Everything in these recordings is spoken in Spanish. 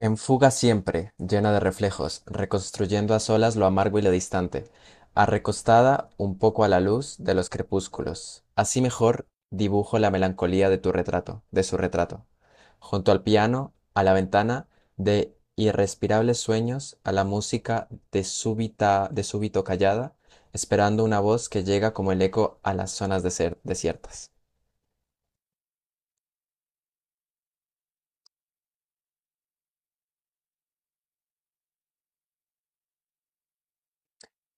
En fuga siempre, llena de reflejos, reconstruyendo a solas lo amargo y lo distante, arrecostada un poco a la luz de los crepúsculos. Así mejor dibujo la melancolía de tu retrato, de su retrato. Junto al piano, a la ventana, de irrespirables sueños, a la música de súbita, de súbito, callada, esperando una voz que llega como el eco a las zonas desiertas.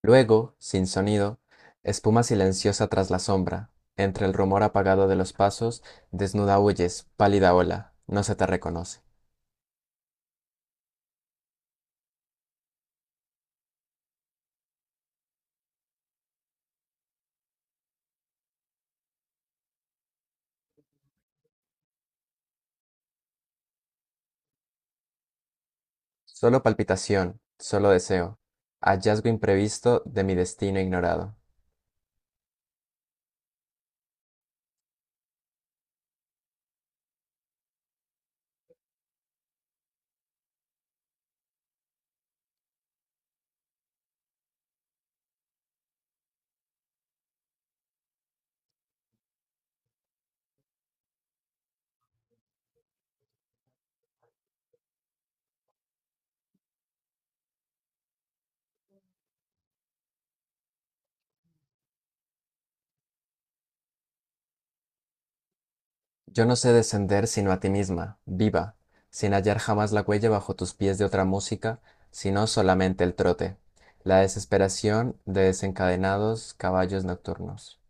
Luego, sin sonido, espuma silenciosa tras la sombra, entre el rumor apagado de los pasos, desnuda huyes, pálida ola, no se te reconoce. Solo palpitación, solo deseo, hallazgo imprevisto de mi destino ignorado. Yo no sé descender sino a ti misma, viva, sin hallar jamás la huella bajo tus pies de otra música, sino solamente el trote, la desesperación de desencadenados caballos nocturnos.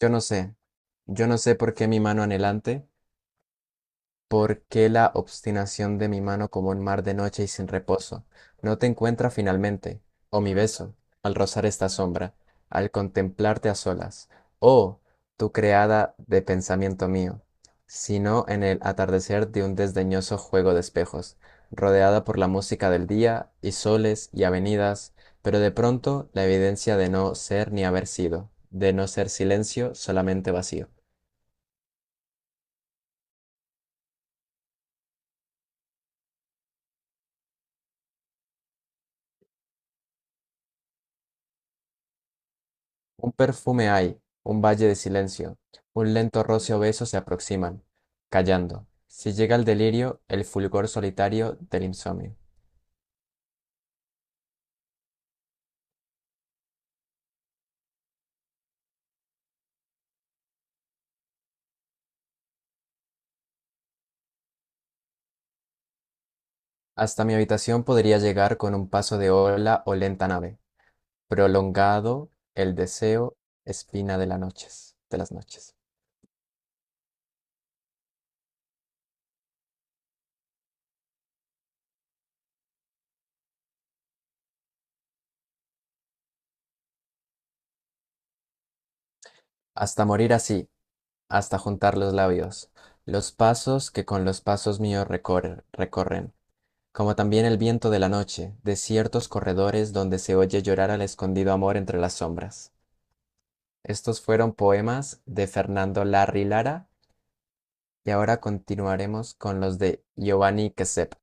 Yo no sé, yo no sé por qué mi mano anhelante. ¿Por qué la obstinación de mi mano como un mar de noche y sin reposo? No te encuentra finalmente, oh mi beso, al rozar esta sombra, al contemplarte a solas, oh, tú creada de pensamiento mío, sino en el atardecer de un desdeñoso juego de espejos, rodeada por la música del día y soles y avenidas, pero de pronto la evidencia de no ser ni haber sido, de no ser silencio, solamente vacío. Un perfume hay, un valle de silencio, un lento roce obeso se aproximan, callando. Si llega el delirio, el fulgor solitario del insomnio. Hasta mi habitación podría llegar con un paso de ola o lenta nave, prolongado el deseo, espina de las noches, de las noches. Hasta morir así, hasta juntar los labios, los pasos que con los pasos míos recorren, como también el viento de la noche, de ciertos corredores donde se oye llorar al escondido amor entre las sombras. Estos fueron poemas de Fernando Larry Lara y ahora continuaremos con los de Giovanni Quesep.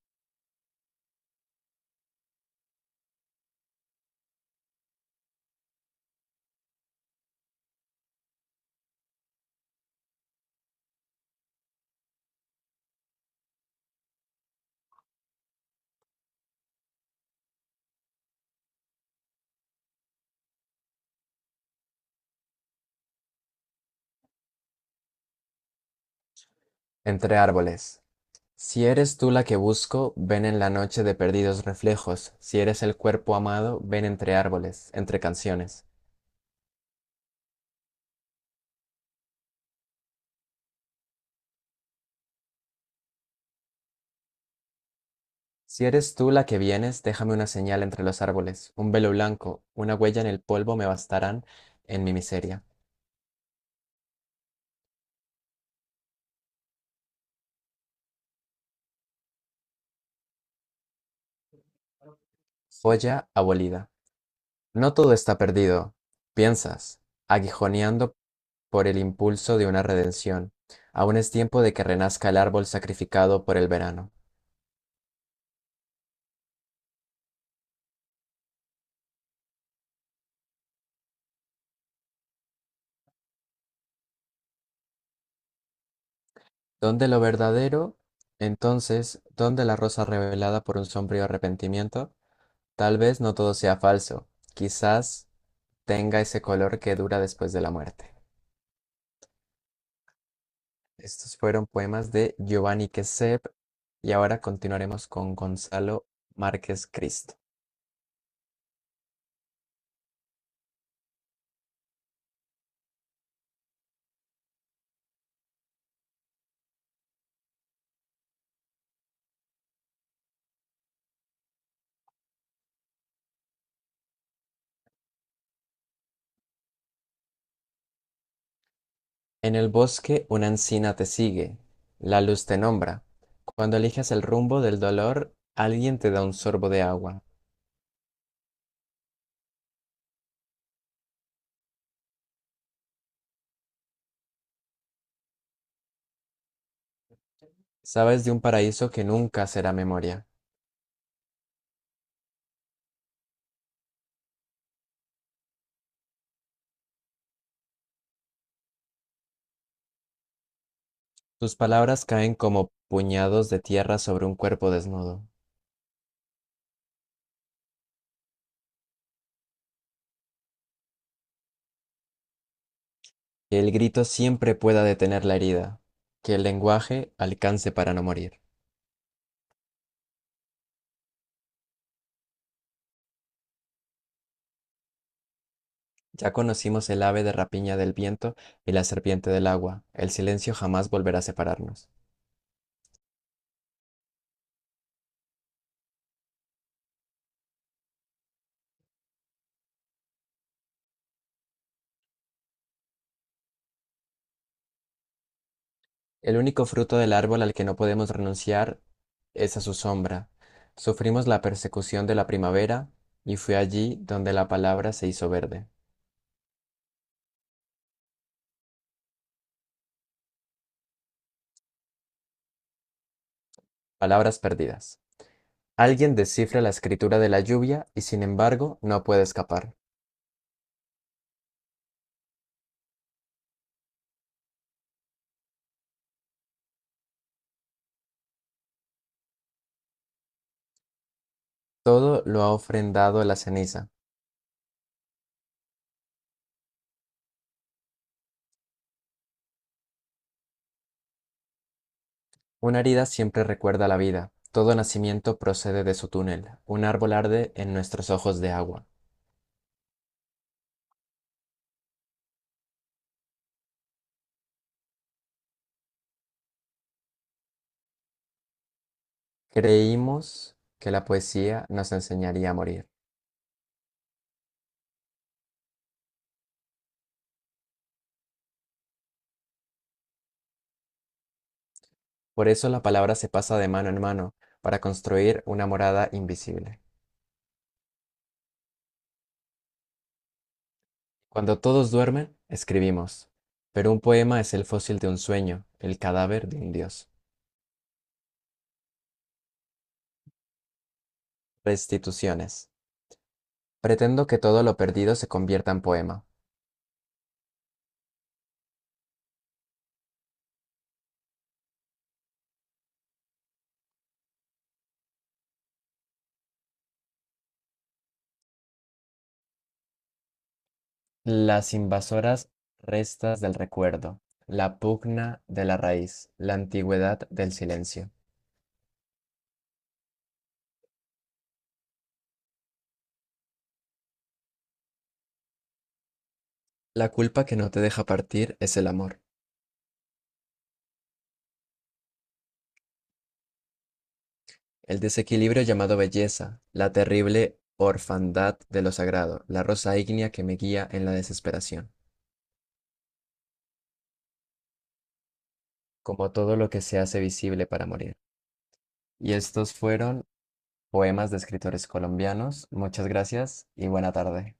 Entre árboles. Si eres tú la que busco, ven en la noche de perdidos reflejos. Si eres el cuerpo amado, ven entre árboles, entre canciones. Si eres tú la que vienes, déjame una señal entre los árboles, un velo blanco, una huella en el polvo me bastarán en mi miseria. Joya abolida. No todo está perdido, piensas, aguijoneando por el impulso de una redención. Aún es tiempo de que renazca el árbol sacrificado por el verano. ¿Dónde lo verdadero? Entonces, ¿dónde la rosa revelada por un sombrío arrepentimiento? Tal vez no todo sea falso. Quizás tenga ese color que dura después de la muerte. Estos fueron poemas de Giovanni Quesep y ahora continuaremos con Gonzalo Márquez Cristo. En el bosque una encina te sigue, la luz te nombra. Cuando eliges el rumbo del dolor, alguien te da un sorbo de agua. Sabes de un paraíso que nunca será memoria. Tus palabras caen como puñados de tierra sobre un cuerpo desnudo. Que el grito siempre pueda detener la herida. Que el lenguaje alcance para no morir. Ya conocimos el ave de rapiña del viento y la serpiente del agua. El silencio jamás volverá a separarnos. El único fruto del árbol al que no podemos renunciar es a su sombra. Sufrimos la persecución de la primavera y fue allí donde la palabra se hizo verde. Palabras perdidas. Alguien descifra la escritura de la lluvia y sin embargo no puede escapar. Todo lo ha ofrendado a la ceniza. Una herida siempre recuerda la vida. Todo nacimiento procede de su túnel. Un árbol arde en nuestros ojos de agua. Creímos que la poesía nos enseñaría a morir. Por eso la palabra se pasa de mano en mano para construir una morada invisible. Cuando todos duermen, escribimos. Pero un poema es el fósil de un sueño, el cadáver de un dios. Restituciones. Pretendo que todo lo perdido se convierta en poema. Las invasoras restas del recuerdo, la pugna de la raíz, la antigüedad del silencio. La culpa que no te deja partir es el amor. El desequilibrio llamado belleza, la terrible orfandad de lo sagrado, la rosa ígnea que me guía en la desesperación, como todo lo que se hace visible para morir. Y estos fueron poemas de escritores colombianos. Muchas gracias y buena tarde.